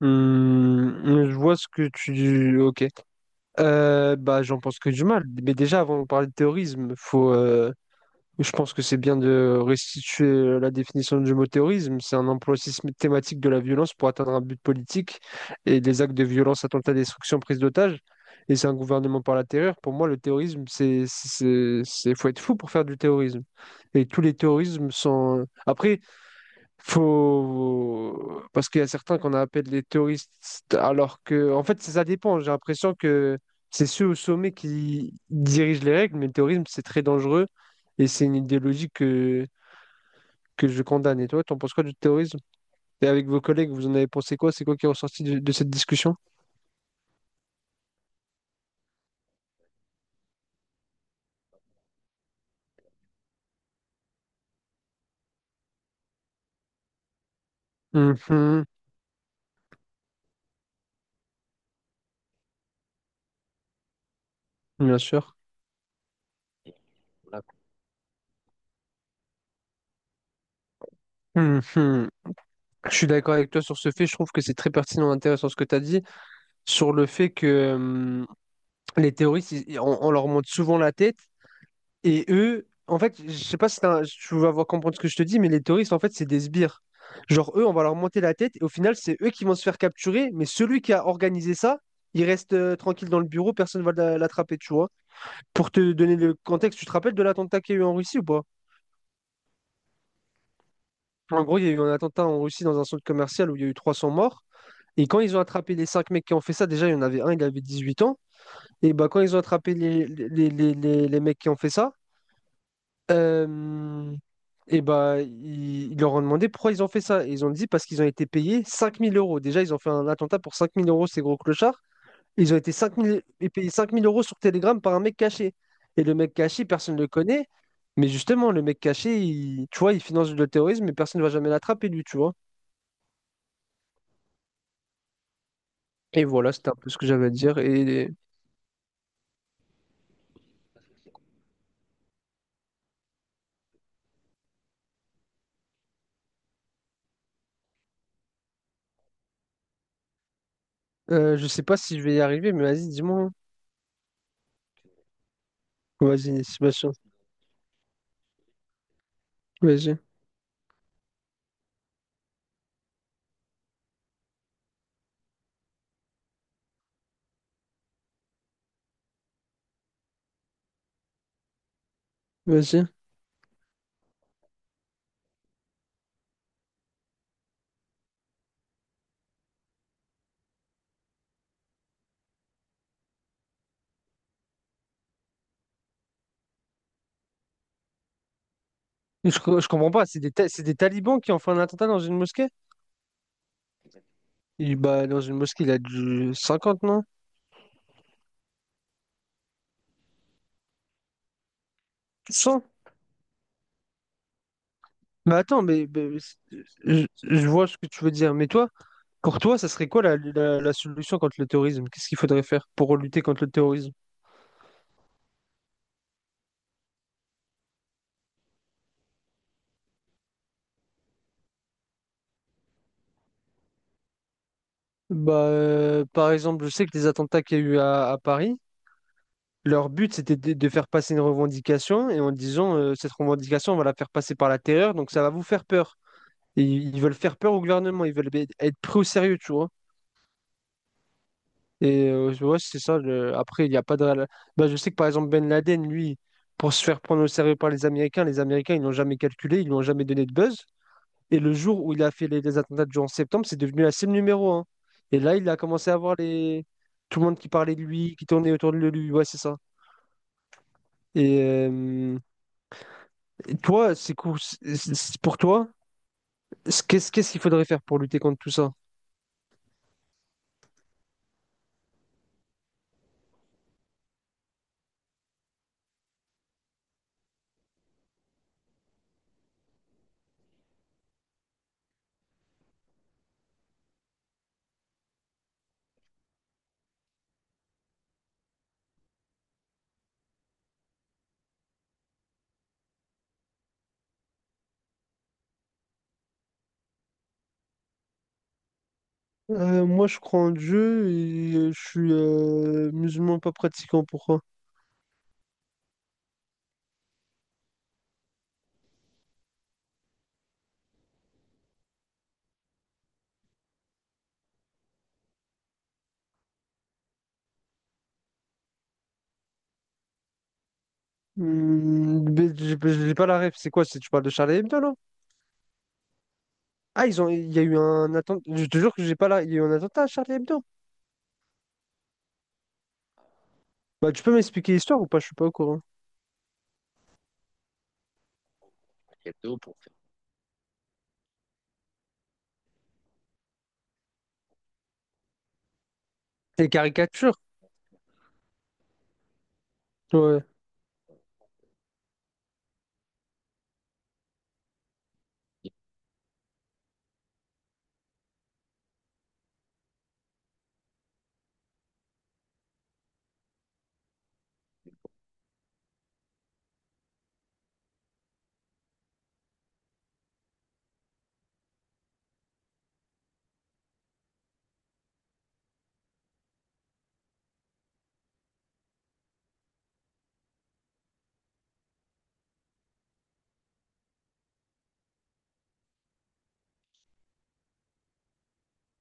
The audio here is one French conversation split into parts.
Hmm, je vois ce que tu... Ok. Bah, j'en pense que du mal. Mais déjà, avant de parler de terrorisme, je pense que c'est bien de restituer la définition du mot terrorisme. C'est un emploi systématique de la violence pour atteindre un but politique et des actes de violence, attentats, destruction, prise d'otages. Et c'est un gouvernement par la terreur. Pour moi, le terrorisme, faut être fou pour faire du terrorisme. Et tous les terrorismes sont... Après, faut... Parce qu'il y a certains qu'on appelle les terroristes, alors que, en fait, ça dépend. J'ai l'impression que c'est ceux au sommet qui dirigent les règles, mais le terrorisme, c'est très dangereux et c'est une idéologie que je condamne. Et toi, t'en penses quoi du terrorisme? Et avec vos collègues, vous en avez pensé quoi? C'est quoi qui est ressorti de cette discussion? Mhm. Bien sûr. Mhm. Je suis d'accord avec toi sur ce fait. Je trouve que c'est très pertinent et intéressant ce que tu as dit sur le fait que les terroristes, on leur monte souvent la tête. Et eux, en fait, je sais pas si tu vas avoir comprendre ce que je te dis, mais les terroristes, en fait, c'est des sbires. Genre, eux, on va leur monter la tête et au final, c'est eux qui vont se faire capturer, mais celui qui a organisé ça, il reste tranquille dans le bureau, personne va l'attraper, tu vois. Pour te donner le contexte, tu te rappelles de l'attentat qu'il y a eu en Russie ou pas? En gros, il y a eu un attentat en Russie dans un centre commercial où il y a eu 300 morts. Et quand ils ont attrapé les cinq mecs qui ont fait ça, déjà, il y en avait un, il avait 18 ans. Et bah, quand ils ont attrapé les mecs qui ont fait ça, Euh, et bah, ils leur ont demandé pourquoi ils ont fait ça. Et ils ont dit parce qu'ils ont été payés 5000 euros. Déjà, ils ont fait un attentat pour 5000 euros, ces gros clochards. Ils ont été 5 000, et payés 5 000 € sur Telegram par un mec caché. Et le mec caché, personne ne le connaît. Mais justement, le mec caché, tu vois, il finance le terrorisme, mais personne ne va jamais l'attraper, lui, tu vois. Et voilà, c'était un peu ce que j'avais à dire. Et je sais pas si je vais y arriver, mais vas-y, dis-moi, hein. Vas-y, Sébastien. Vas-y, vas-y. Je comprends pas, c'est des talibans qui ont fait un attentat dans une mosquée? Bah, dans une mosquée, il a du 50, non? 100? Mais attends, mais je vois ce que tu veux dire. Mais toi, pour toi, ça serait quoi la solution contre le terrorisme? Qu'est-ce qu'il faudrait faire pour lutter contre le terrorisme? Bah, par exemple, je sais que les attentats qu'il y a eu à Paris, leur but c'était de faire passer une revendication et en disant cette revendication, on va la faire passer par la terreur, donc ça va vous faire peur. Et ils veulent faire peur au gouvernement, ils veulent être pris au sérieux, tu vois. Et ouais, c'est ça. Après, il n'y a pas de réel- Bah, je sais que par exemple, Ben Laden, lui, pour se faire prendre au sérieux par les Américains, ils l'ont jamais calculé, ils lui ont jamais donné de buzz. Et le jour où il a fait les attentats du 11 septembre, c'est devenu la cible numéro un. Et là, il a commencé à voir les... tout le monde qui parlait de lui, qui tournait autour de lui. Ouais, c'est ça. Et, euh, et toi, c'est cool. Pour toi, qu'est-ce qu'il faudrait faire pour lutter contre tout ça? Moi, je crois en Dieu et je suis musulman pas pratiquant. Pourquoi? Mais j'ai pas la ref. C'est quoi? Tu parles de Charlie Hebdo, là? Ah, il y a eu un attentat. Je te jure que j'ai pas là. Il y a eu un attentat à Charlie Hebdo. Bah, tu peux m'expliquer l'histoire ou pas? Je suis pas au courant. Les caricatures. Ouais.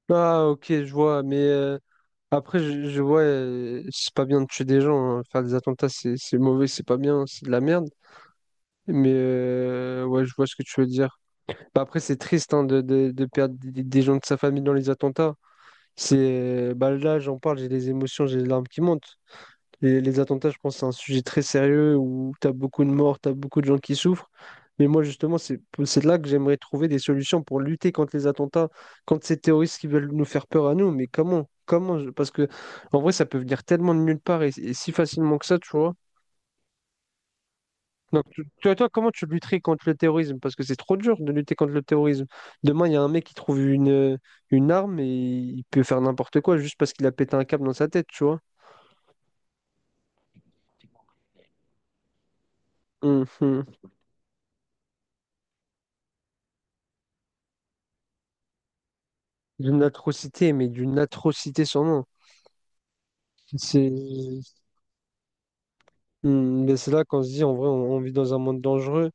Ah, ok, je vois, mais après, je vois, c'est pas bien de tuer des gens, hein. Faire des attentats, c'est mauvais, c'est pas bien, c'est de la merde. Mais ouais, je vois ce que tu veux dire. Bah, après, c'est triste hein, de perdre des gens de sa famille dans les attentats. Bah, là, j'en parle, j'ai des émotions, j'ai les larmes qui montent. Les attentats, je pense que c'est un sujet très sérieux où tu as beaucoup de morts, tu as beaucoup de gens qui souffrent. Mais moi, justement, c'est là que j'aimerais trouver des solutions pour lutter contre les attentats, contre ces terroristes qui veulent nous faire peur à nous. Mais comment? Comment? Parce que, en vrai, ça peut venir tellement de nulle part et si facilement que ça, tu vois. Donc, toi, comment tu lutterais contre le terrorisme? Parce que c'est trop dur de lutter contre le terrorisme. Demain, il y a un mec qui trouve une arme et il peut faire n'importe quoi juste parce qu'il a pété un câble dans sa tête, tu vois. Mhm. D'une atrocité, mais d'une atrocité sans nom. C'est mais c'est là qu'on se dit, en vrai, on vit dans un monde dangereux.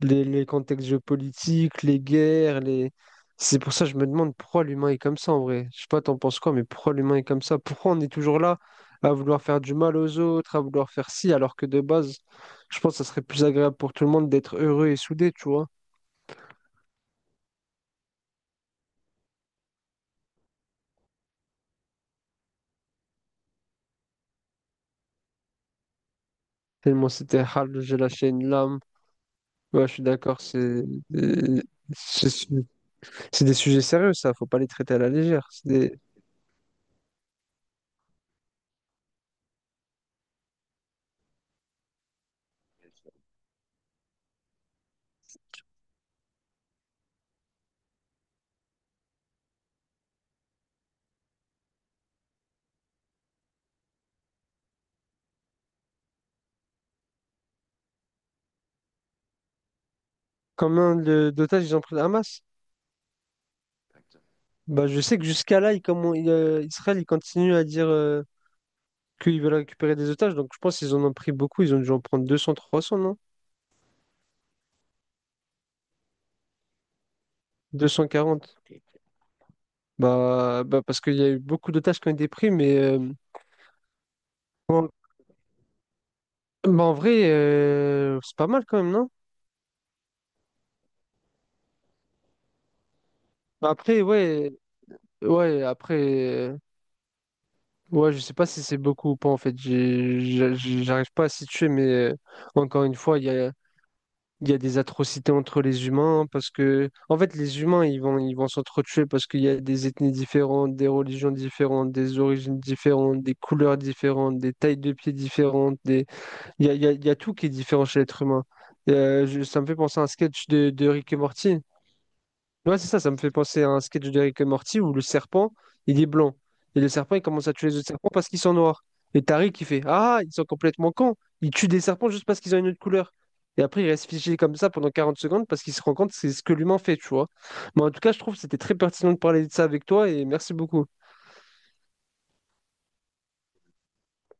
Les contextes géopolitiques, les guerres, les... C'est pour ça que je me demande pourquoi l'humain est comme ça, en vrai. Je sais pas, t'en penses quoi, mais pourquoi l'humain est comme ça? Pourquoi on est toujours là à vouloir faire du mal aux autres, à vouloir faire ci, alors que de base, je pense que ça serait plus agréable pour tout le monde d'être heureux et soudé, tu vois. Tellement c'était hal, j'ai lâché une lame. Ouais, je suis d'accord, c'est- c'est des sujets sérieux, ça, faut pas les traiter à la légère. C'est des... Combien d'otages ils ont pris le Hamas? Bah, je sais que jusqu'à là, Israël il continue à dire qu'ils veulent récupérer des otages, donc je pense qu'ils en ont pris beaucoup, ils ont dû en prendre 200, trois 300, non? 240. Bah, bah parce qu'il y a eu beaucoup d'otages qui ont été pris, mais bah, en vrai, c'est pas mal quand même, non? Bah, après, ouais, après, euh, ouais, je sais pas si c'est beaucoup ou pas en fait. J'arrive pas à situer, mais euh, encore une fois, il y a. Il y a des atrocités entre les humains parce que, en fait, les humains, ils vont s'entretuer parce qu'il y a des ethnies différentes, des religions différentes, des origines différentes, des couleurs différentes, des tailles de pieds différentes. Des... Il y a, il y a tout qui est différent chez l'être humain. Ça me fait penser à un sketch de Rick et Morty. Ouais, c'est ça, ça me fait penser à un sketch de Rick et Morty où le serpent, il est blanc. Et le serpent, il commence à tuer les autres serpents parce qu'ils sont noirs. Et Tariq, il fait Ah, ils sont complètement cons. Ils tuent des serpents juste parce qu'ils ont une autre couleur. Et après, il reste figé comme ça pendant 40 secondes parce qu'il se rend compte que c'est ce que l'humain fait, tu vois. Mais en tout cas, je trouve que c'était très pertinent de parler de ça avec toi et merci beaucoup.